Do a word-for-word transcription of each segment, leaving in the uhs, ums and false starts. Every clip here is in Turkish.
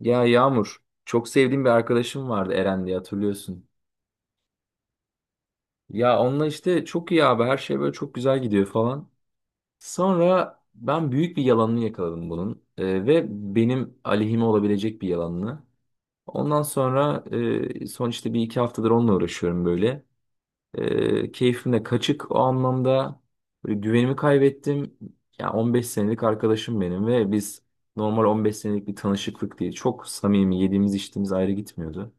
Ya Yağmur, çok sevdiğim bir arkadaşım vardı Eren diye hatırlıyorsun. Ya onunla işte çok iyi abi her şey böyle çok güzel gidiyor falan. Sonra ben büyük bir yalanını yakaladım bunun Ee, ve benim aleyhime olabilecek bir yalanını. Ondan sonra e, son işte bir iki haftadır onunla uğraşıyorum böyle. Ee, keyfim de kaçık o anlamda böyle güvenimi kaybettim. Ya on beş senelik arkadaşım benim ve biz normal on beş senelik bir tanışıklık değil. Çok samimi yediğimiz içtiğimiz ayrı gitmiyordu.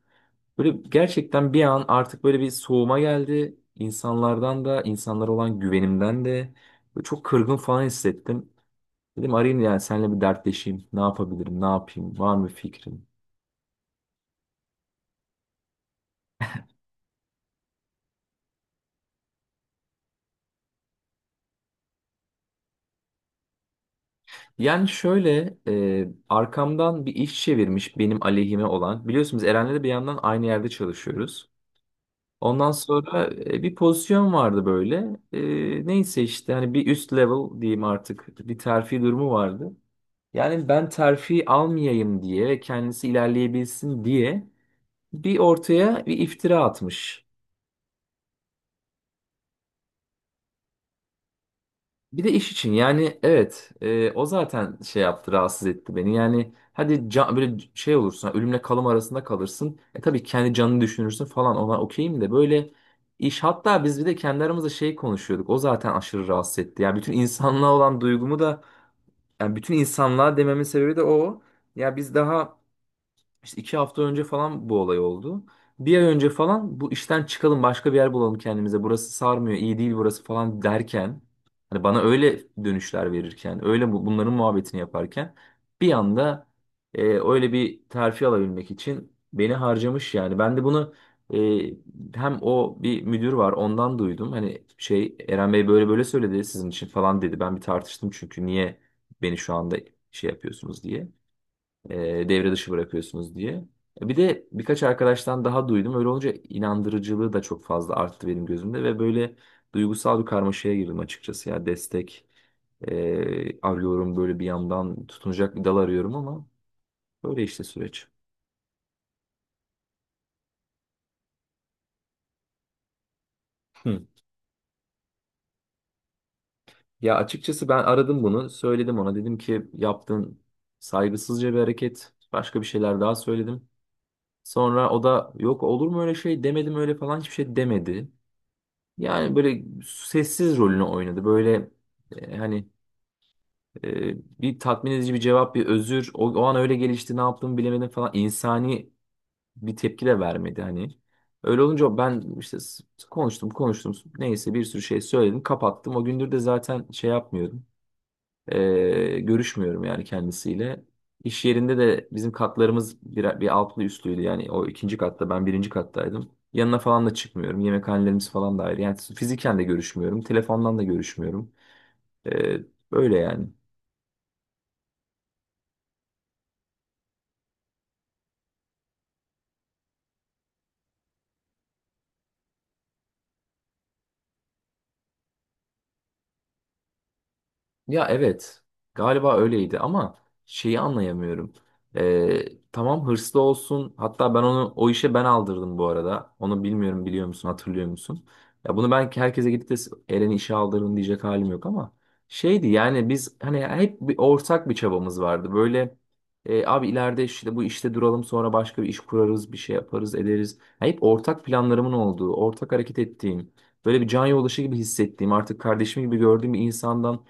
Böyle gerçekten bir an artık böyle bir soğuma geldi. İnsanlardan da, insanlara olan güvenimden de Böyle çok kırgın falan hissettim. Dedim arayayım yani seninle bir dertleşeyim. Ne yapabilirim, ne yapayım, var mı fikrin? Yani şöyle e, arkamdan bir iş çevirmiş benim aleyhime olan. Biliyorsunuz Eren'le de bir yandan aynı yerde çalışıyoruz. Ondan sonra e, bir pozisyon vardı böyle. E, neyse işte hani bir üst level diyeyim artık bir terfi durumu vardı. Yani ben terfi almayayım diye ve kendisi ilerleyebilsin diye bir ortaya bir iftira atmış. Bir de iş için yani evet e, o zaten şey yaptı rahatsız etti beni. Yani hadi can, böyle şey olursun ölümle kalım arasında kalırsın. E tabii kendi canını düşünürsün falan ona okeyim de böyle iş hatta biz bir de kendi aramızda şey konuşuyorduk. O zaten aşırı rahatsız etti. Yani bütün insanlığa olan duygumu da yani bütün insanlığa dememin sebebi de o. Ya biz daha İşte iki hafta önce falan bu olay oldu. Bir ay önce falan bu işten çıkalım başka bir yer bulalım kendimize. Burası sarmıyor, iyi değil burası falan derken. Hani bana öyle dönüşler verirken, öyle bu- bunların muhabbetini yaparken bir anda e, öyle bir terfi alabilmek için beni harcamış yani. Ben de bunu e, hem o bir müdür var ondan duydum. Hani şey Eren Bey böyle böyle söyledi sizin için falan dedi. Ben bir tartıştım çünkü niye beni şu anda şey yapıyorsunuz diye e, devre dışı bırakıyorsunuz diye. Bir de birkaç arkadaştan daha duydum. Öyle olunca inandırıcılığı da çok fazla arttı benim gözümde ve böyle duygusal bir karmaşaya girdim açıkçası. Ya destek e, arıyorum böyle bir yandan tutunacak bir dal arıyorum ama böyle işte süreç. Hı. Ya açıkçası ben aradım bunu, söyledim ona. Dedim ki yaptığın saygısızca bir hareket. Başka bir şeyler daha söyledim. Sonra o da yok olur mu öyle şey demedim öyle falan hiçbir şey demedi. Yani böyle sessiz rolünü oynadı. Böyle e, hani e, bir tatmin edici bir cevap, bir özür. O, o an öyle gelişti, ne yaptığımı bilemedim falan. İnsani bir tepki de vermedi hani. Öyle olunca ben işte s- konuştum, konuştum. Neyse bir sürü şey söyledim, kapattım. O gündür de zaten şey yapmıyorum. Ee, görüşmüyorum yani kendisiyle. İş yerinde de bizim katlarımız bir, bir altlı üstlüydü. Yani o ikinci katta ben birinci kattaydım. Yanına falan da çıkmıyorum. Yemekhanelerimiz falan da ayrı. Yani fiziken de görüşmüyorum. Telefondan da görüşmüyorum. Ee, böyle yani. Ya evet galiba öyleydi ama şeyi anlayamıyorum. Ee, tamam hırslı olsun hatta ben onu o işe ben aldırdım bu arada. Onu bilmiyorum biliyor musun hatırlıyor musun? Ya bunu ben herkese gidip de Eren'i işe aldırdım diyecek halim yok ama şeydi yani biz hani hep bir ortak bir çabamız vardı. Böyle e, abi ileride işte bu işte duralım sonra başka bir iş kurarız bir şey yaparız ederiz. Ya hep ortak planlarımın olduğu ortak hareket ettiğim böyle bir can yoldaşı gibi hissettiğim artık kardeşim gibi gördüğüm bir insandan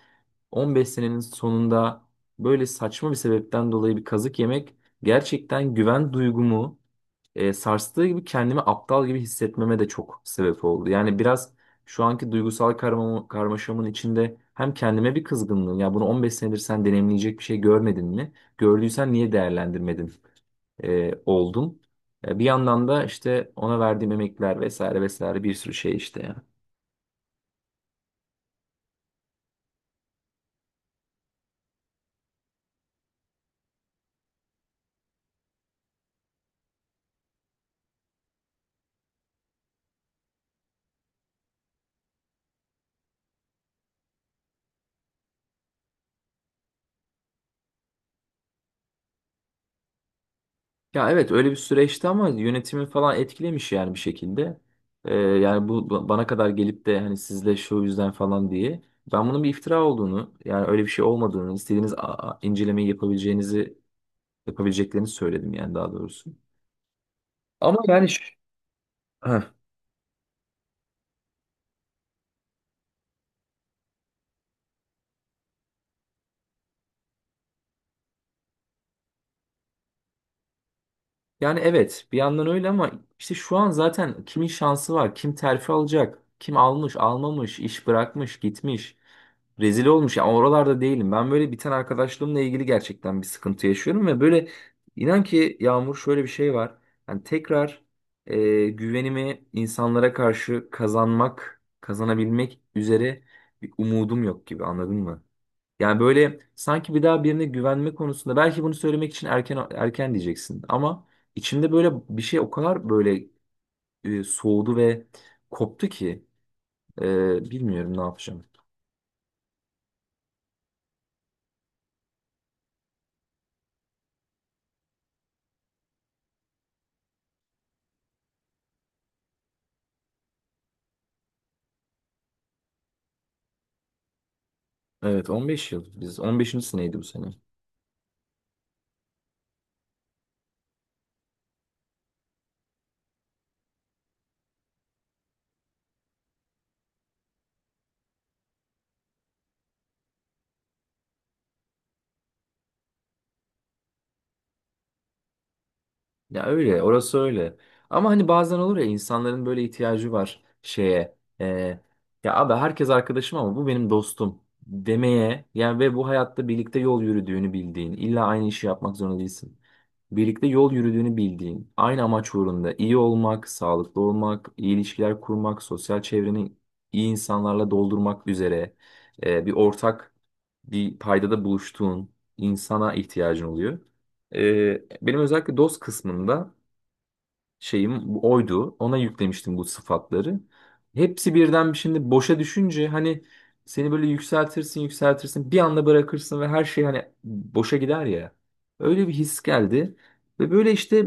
on beş senenin sonunda böyle saçma bir sebepten dolayı bir kazık yemek gerçekten güven duygumu e, sarstığı gibi kendimi aptal gibi hissetmeme de çok sebep oldu. Yani biraz şu anki duygusal karma, karmaşamın içinde hem kendime bir kızgınlığım ya bunu on beş senedir sen deneyimleyecek bir şey görmedin mi? Gördüysen niye değerlendirmedin e, oldum. E, bir yandan da işte ona verdiğim emekler vesaire vesaire bir sürü şey işte ya. Ya evet öyle bir süreçti ama yönetimi falan etkilemiş yani bir şekilde. Ee, yani bu bu bana kadar gelip de hani sizle şu yüzden falan diye. Ben bunun bir iftira olduğunu yani öyle bir şey olmadığını istediğiniz a- a- incelemeyi yapabileceğinizi yapabileceklerini söyledim yani daha doğrusu. Ama yani ş- heh. Yani evet bir yandan öyle ama işte şu an zaten kimin şansı var? Kim terfi alacak? Kim almış, almamış, iş bırakmış, gitmiş. Rezil olmuş. Yani oralarda değilim. Ben böyle biten arkadaşlığımla ilgili gerçekten bir sıkıntı yaşıyorum ve böyle inan ki Yağmur şöyle bir şey var. Yani tekrar e, güvenimi insanlara karşı kazanmak, kazanabilmek üzere bir umudum yok gibi anladın mı? Yani böyle sanki bir daha birine güvenme konusunda belki bunu söylemek için erken erken diyeceksin ama içimde böyle bir şey o kadar böyle e, soğudu ve koptu ki e, bilmiyorum ne yapacağım. Evet on beş yıl. Biz on beşinci seneydi bu sene. Ya öyle, orası öyle. Ama hani bazen olur ya insanların böyle ihtiyacı var şeye. e, ya abi herkes arkadaşım ama bu benim dostum demeye. Yani ve bu hayatta birlikte yol yürüdüğünü bildiğin, illa aynı işi yapmak zorunda değilsin. Birlikte yol yürüdüğünü bildiğin, aynı amaç uğrunda iyi olmak, sağlıklı olmak, iyi ilişkiler kurmak, sosyal çevreni iyi insanlarla doldurmak üzere e, bir ortak bir paydada buluştuğun insana ihtiyacın oluyor. Ee, benim özellikle DOS kısmında şeyim bu oydu. Ona yüklemiştim bu sıfatları. Hepsi birden bir şimdi boşa düşünce hani seni böyle yükseltirsin yükseltirsin bir anda bırakırsın ve her şey hani boşa gider ya. Öyle bir his geldi. Ve böyle işte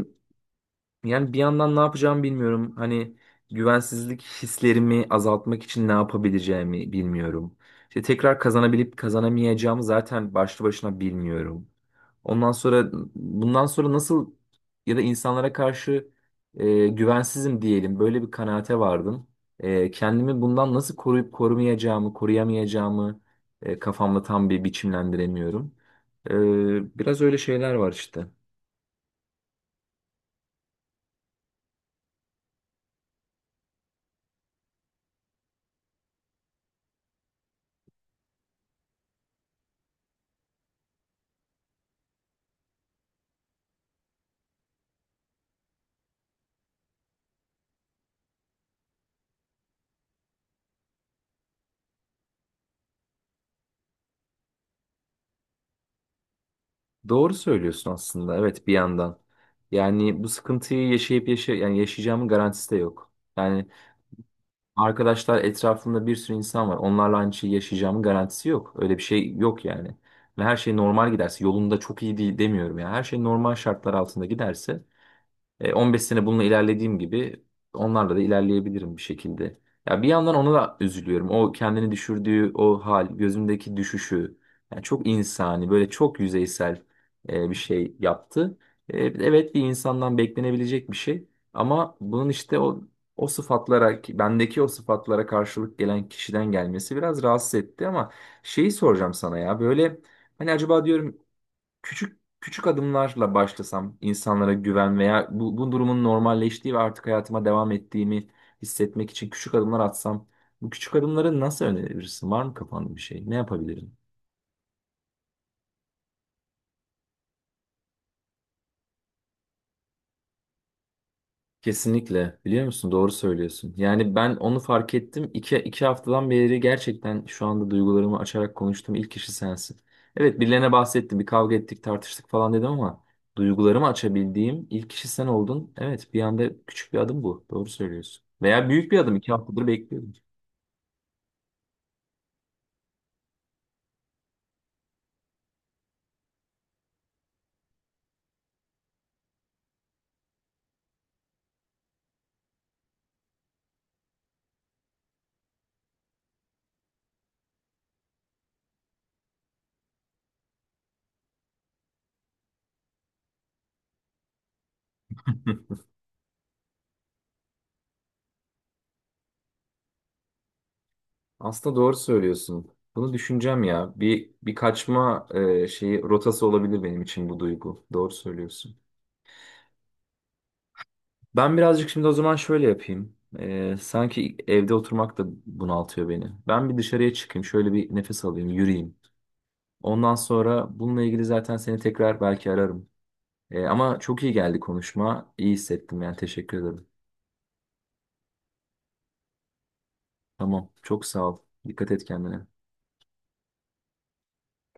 yani bir yandan ne yapacağımı bilmiyorum. Hani güvensizlik hislerimi azaltmak için ne yapabileceğimi bilmiyorum. İşte tekrar kazanabilip kazanamayacağımı zaten başlı başına bilmiyorum. Ondan sonra bundan sonra nasıl ya da insanlara karşı e, güvensizim diyelim böyle bir kanaate vardım. E, kendimi bundan nasıl koruyup korumayacağımı, koruyamayacağımı e, kafamda tam bir biçimlendiremiyorum. E, biraz öyle şeyler var işte. Doğru söylüyorsun aslında. Evet bir yandan. Yani bu sıkıntıyı yaşayıp yaşa yani yaşayacağımın garantisi de yok. Yani arkadaşlar etrafımda bir sürü insan var. Onlarla aynı şeyi yaşayacağımın garantisi yok. Öyle bir şey yok yani. Ve her şey normal giderse yolunda çok iyi değil demiyorum ya. Her şey normal şartlar altında giderse e, on beş sene bununla ilerlediğim gibi onlarla da ilerleyebilirim bir şekilde. Ya bir yandan ona da üzülüyorum. O kendini düşürdüğü o hal, gözümdeki düşüşü. Yani çok insani, böyle çok yüzeysel e, bir şey yaptı. E, evet bir insandan beklenebilecek bir şey. Ama bunun işte o o sıfatlara, bendeki o sıfatlara karşılık gelen kişiden gelmesi biraz rahatsız etti ama şeyi soracağım sana ya böyle hani acaba diyorum küçük küçük adımlarla başlasam insanlara güven veya bu, bu durumun normalleştiği ve artık hayatıma devam ettiğimi hissetmek için küçük adımlar atsam bu küçük adımları nasıl önerebilirsin? Var mı kafanda bir şey? Ne yapabilirim? Kesinlikle. Biliyor musun? Doğru söylüyorsun. Yani ben onu fark ettim. İki, iki haftadan beri gerçekten şu anda duygularımı açarak konuştuğum ilk kişi sensin. Evet birilerine bahsettim. Bir kavga ettik, tartıştık falan dedim ama duygularımı açabildiğim ilk kişi sen oldun. Evet bir anda küçük bir adım bu. Doğru söylüyorsun. Veya büyük bir adım. İki haftadır bekliyordum. Aslında doğru söylüyorsun. Bunu düşüneceğim ya. Bir bir kaçma e, şeyi rotası olabilir benim için bu duygu. Doğru söylüyorsun. Ben birazcık şimdi o zaman şöyle yapayım. Ee, sanki evde oturmak da bunaltıyor beni. Ben bir dışarıya çıkayım, şöyle bir nefes alayım, yürüyeyim. Ondan sonra bununla ilgili zaten seni tekrar belki ararım. Ee, ama çok iyi geldi konuşma. İyi hissettim yani teşekkür ederim. Tamam, çok sağ ol. Dikkat et kendine.